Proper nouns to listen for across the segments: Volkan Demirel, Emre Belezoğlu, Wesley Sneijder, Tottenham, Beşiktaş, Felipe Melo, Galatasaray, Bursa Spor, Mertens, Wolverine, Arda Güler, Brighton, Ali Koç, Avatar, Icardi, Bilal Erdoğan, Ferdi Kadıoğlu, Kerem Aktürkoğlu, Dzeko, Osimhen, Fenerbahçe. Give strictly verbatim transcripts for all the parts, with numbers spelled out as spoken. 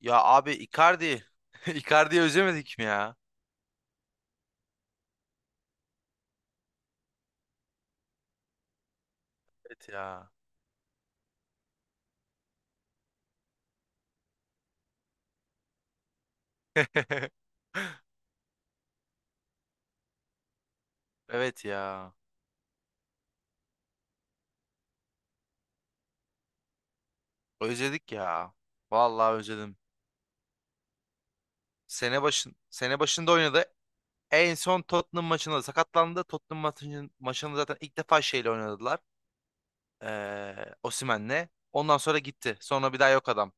Ya abi Icardi. Icardi'yi özlemedik mi ya? Evet ya. Evet ya. Özledik ya. Vallahi özledim. Sene başın sene başında oynadı. En son Tottenham maçında sakatlandı. Tottenham maçın, maçında zaten ilk defa şeyle oynadılar. Ee, Osimhen'le. Ondan sonra gitti. Sonra bir daha yok adam.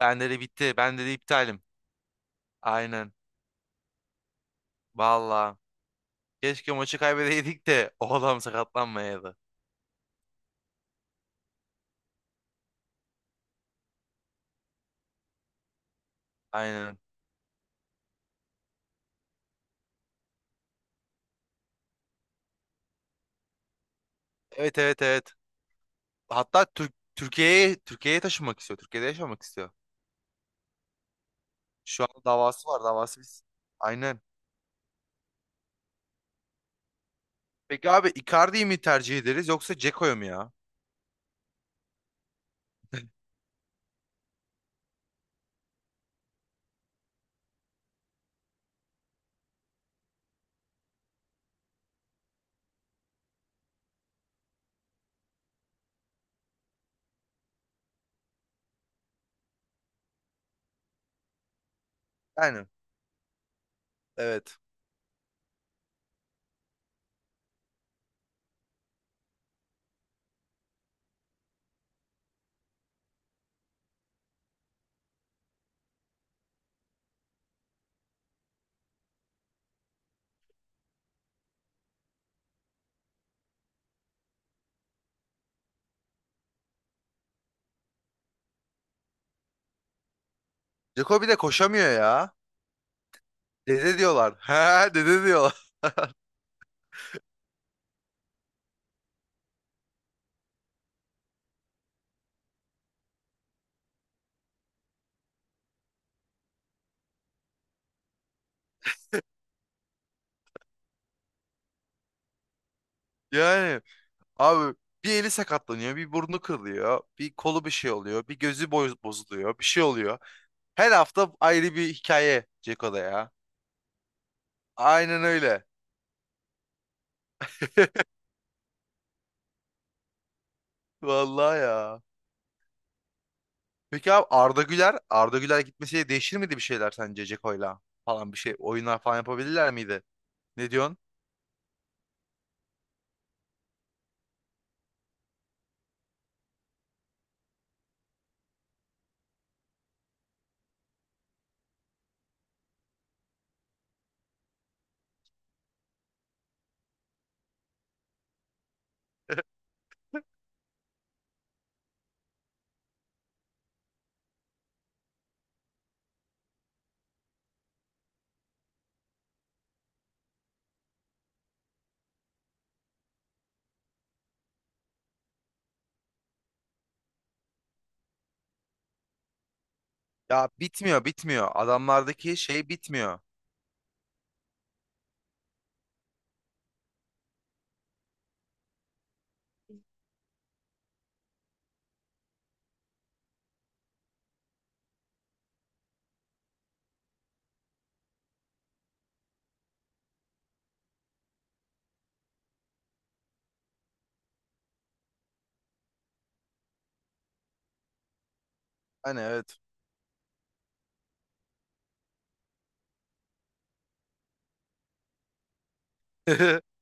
Ben dedi bitti. Ben dedi iptalim. Aynen. Vallahi. Keşke maçı kaybedeydik de o adam sakatlanmayaydı. Aynen. Evet, evet, evet, hatta Türk Türkiye'ye Türkiye'ye taşınmak istiyor. Türkiye'de yaşamak istiyor. Şu an davası var. Davası biz. Aynen. Peki abi Icardi'yi mi tercih ederiz yoksa Dzeko'yu mu ya? Yani evet. Dzeko bir de koşamıyor ya. Dede diyorlar. He, dede diyorlar. Yani abi bir eli sakatlanıyor, bir burnu kırılıyor, bir kolu bir şey oluyor, bir gözü boz- bozuluyor, bir şey oluyor. Her hafta ayrı bir hikaye Dzeko'da ya. Aynen öyle. Vallahi ya. Peki abi Arda Güler, Arda Güler gitmesiyle değişir miydi bir şeyler sence Ceko'yla falan bir şey oyunlar falan yapabilirler miydi? Ne diyorsun? Ya bitmiyor, bitmiyor. Adamlardaki şey bitmiyor. Hani evet.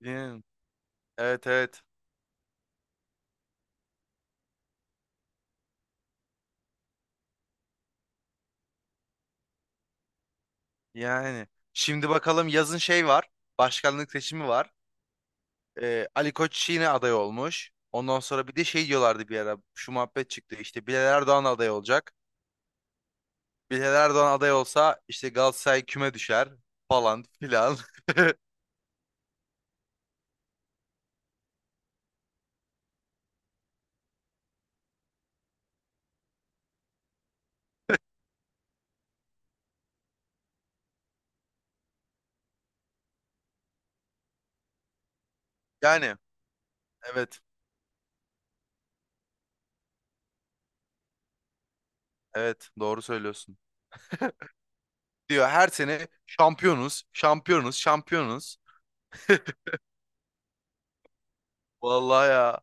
Yani, evet, evet. Yani şimdi bakalım yazın şey var. Başkanlık seçimi var. Ee, Ali Koç yine aday olmuş. Ondan sonra bir de şey diyorlardı bir ara. Şu muhabbet çıktı. İşte Bilal Erdoğan aday olacak. Bilal Erdoğan aday olsa işte Galatasaray küme düşer falan filan. Yani evet. Evet, doğru söylüyorsun. Diyor her sene şampiyonuz, şampiyonuz, şampiyonuz. Vallahi ya.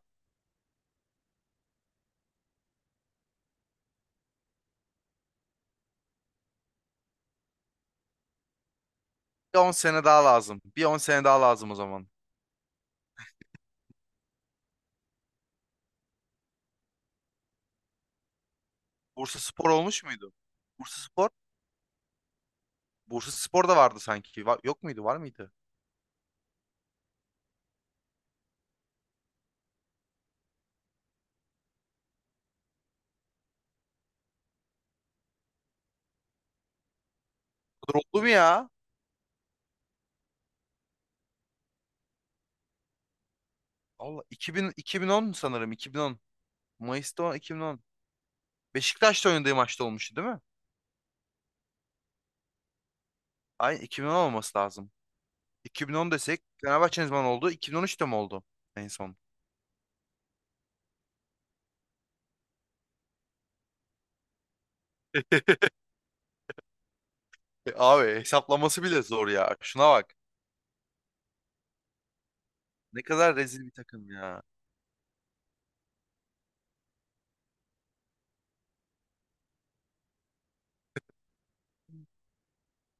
Bir on sene daha lazım. Bir on sene daha lazım o zaman. Bursa Spor olmuş muydu? Bursa Spor? Bursa Spor da vardı sanki. Va- yok muydu? Var mıydı? Bu oldu mu ya? Allah, iki bin, iki bin on sanırım, iki bin on. Mayıs'ta o- iki bin on. Beşiktaş'ta oynadığı maçta olmuştu değil mi? Ay, iki bin on olması lazım. iki bin on desek Fenerbahçe ne zaman oldu? iki bin on üçte mi oldu en son? Abi hesaplaması bile zor ya. Şuna bak. Ne kadar rezil bir takım ya.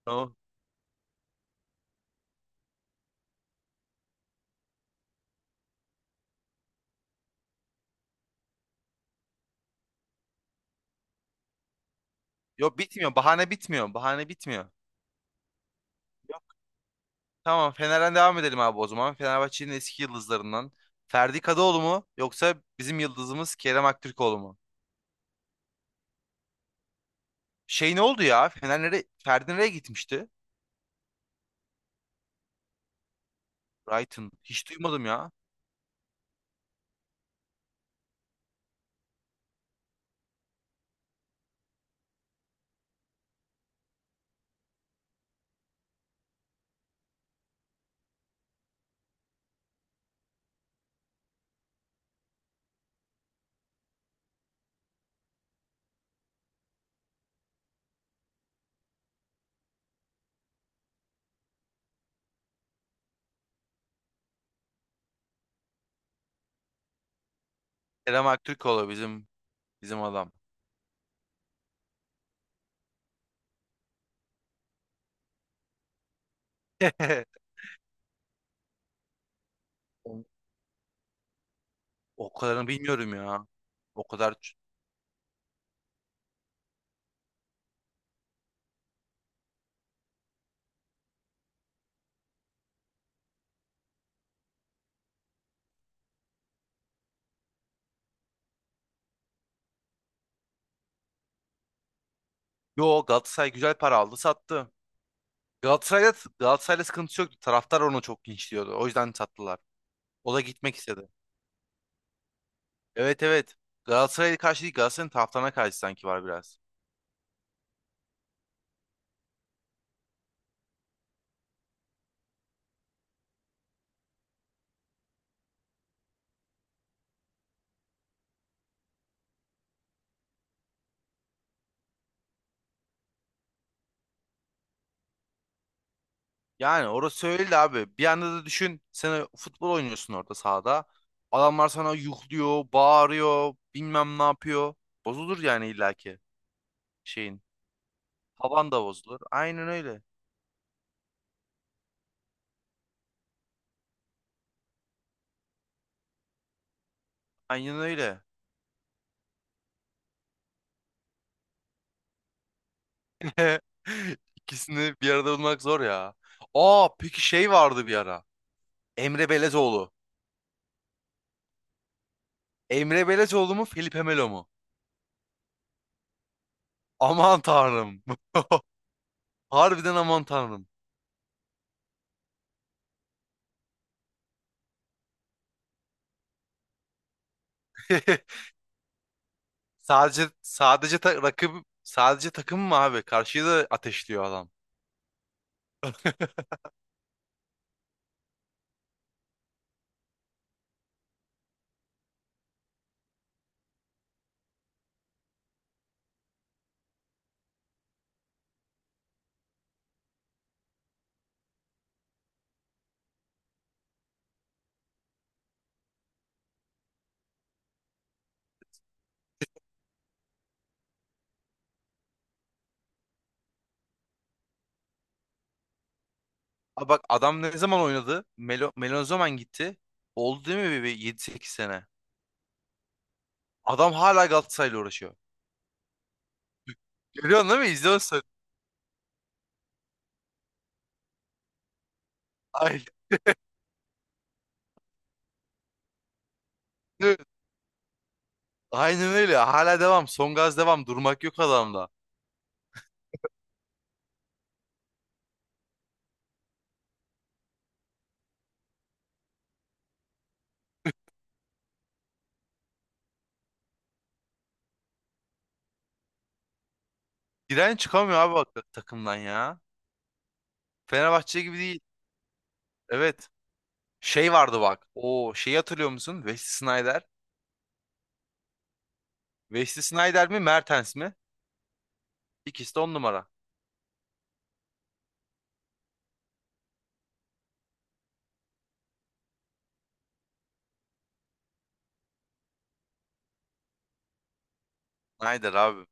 Tamam. Yok, bitmiyor. Bahane bitmiyor. Bahane bitmiyor. Tamam, Fener'den devam edelim abi o zaman. Fenerbahçe'nin eski yıldızlarından. Ferdi Kadıoğlu mu yoksa bizim yıldızımız Kerem Aktürkoğlu mu? Şey ne oldu ya? Fener nereye, Ferdi nereye gitmişti? Brighton. Hiç duymadım ya. Kerem Aktürkoğlu bizim bizim adam. O, o kadarını bilmiyorum ya. O kadar. ç- Yo, Galatasaray güzel para aldı, sattı. Galatasaray'da Galatasaray'la sıkıntısı yoktu. Taraftar onu çok linçliyordu. O yüzden sattılar. O da gitmek istedi. Evet, evet. Galatasaray'a karşı değil, Galatasaray'ın taraftarına karşı sanki var biraz. Yani orası öyle abi. Bir anda da düşün. Sen futbol oynuyorsun orada sahada. Adamlar sana yuhluyor, bağırıyor, bilmem ne yapıyor. Bozulur yani illaki şeyin. Havan da bozulur. Aynen öyle. Aynen öyle. İkisini bir arada bulmak zor ya. Aa, peki şey vardı bir ara. Emre Belezoğlu. Emre Belezoğlu mu Felipe Melo mu? Aman tanrım. Harbiden aman tanrım. Sadece sadece ta- rakip sadece takım mı abi? Karşıyı da ateşliyor adam. Aa, bak adam ne zaman oynadı? Melo, Melo ne zaman gitti? Oldu değil mi bir yedi sekiz sene? Adam hala Galatasaray'la uğraşıyor. Görüyorsun değil mi? İzliyorsun. Ay, aynen öyle. Hala devam. Son gaz devam. Durmak yok adamda. Giren çıkamıyor abi bak takımdan ya. Fenerbahçe gibi değil. Evet. Şey vardı bak. O şeyi hatırlıyor musun? Wesley Sneijder. Wesley Sneijder mi? Mertens mi? İkisi de on numara. Snyder abi.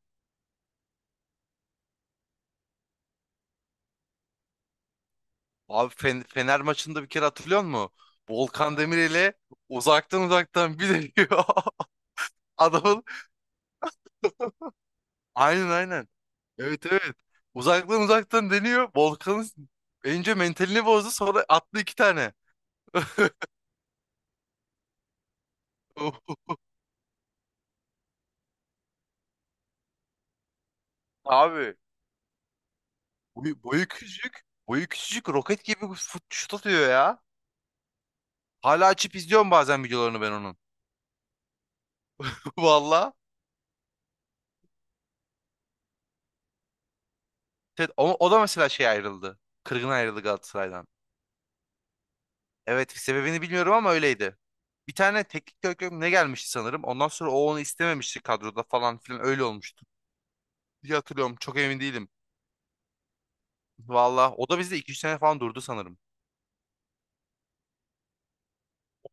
Abi Fen- Fener maçında bir kere hatırlıyor musun? Volkan Demirel'e uzaktan uzaktan bir deniyor. Adamın aynen aynen. Evet, evet. Uzaktan uzaktan deniyor. Volkan'ın önce mentalini bozdu, sonra attı iki tane. Abi boyu, boyu küçücük. Boyu küçücük, roket gibi fut- şut atıyor ya. Hala açıp izliyorum bazen videolarını ben onun. Valla. Evet, o, o da mesela şey ayrıldı. Kırgın ayrıldı Galatasaray'dan. Evet, sebebini bilmiyorum ama öyleydi. Bir tane teknik direktör mü ne gelmişti sanırım. Ondan sonra o onu istememişti kadroda falan filan, öyle olmuştu. Diye hatırlıyorum, çok emin değilim. Valla o da bizde iki üç sene falan durdu sanırım.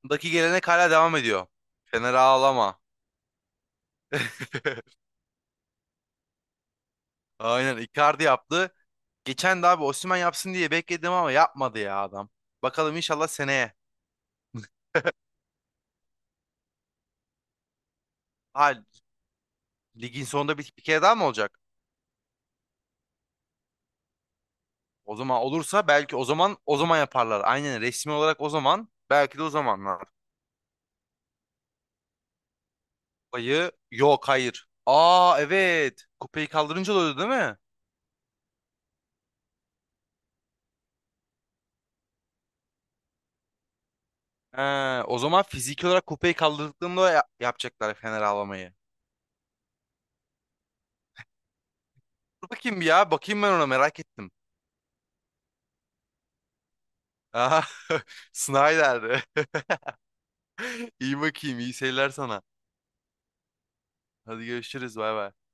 Ondaki gelenek hala devam ediyor. Fener ağlama. Aynen Icardi yaptı. Geçen de abi Osimhen yapsın diye bekledim ama yapmadı ya adam. Bakalım inşallah seneye. Ha, ligin sonunda bir, bir kere daha mı olacak? O zaman olursa belki o zaman o zaman yaparlar. Aynen, resmi olarak o zaman, belki de o zaman. Kupayı yok, hayır. Aa, evet. Kupayı kaldırınca da oluyor değil mi? He, o zaman fiziki olarak kupayı kaldırdıklarında ya- yapacaklar Fener avlamayı. Dur bakayım bir ya. Bakayım ben ona, merak ettim. Aha, Snyder. İyi bakayım. İyi seyirler sana. Hadi görüşürüz. Bay bay.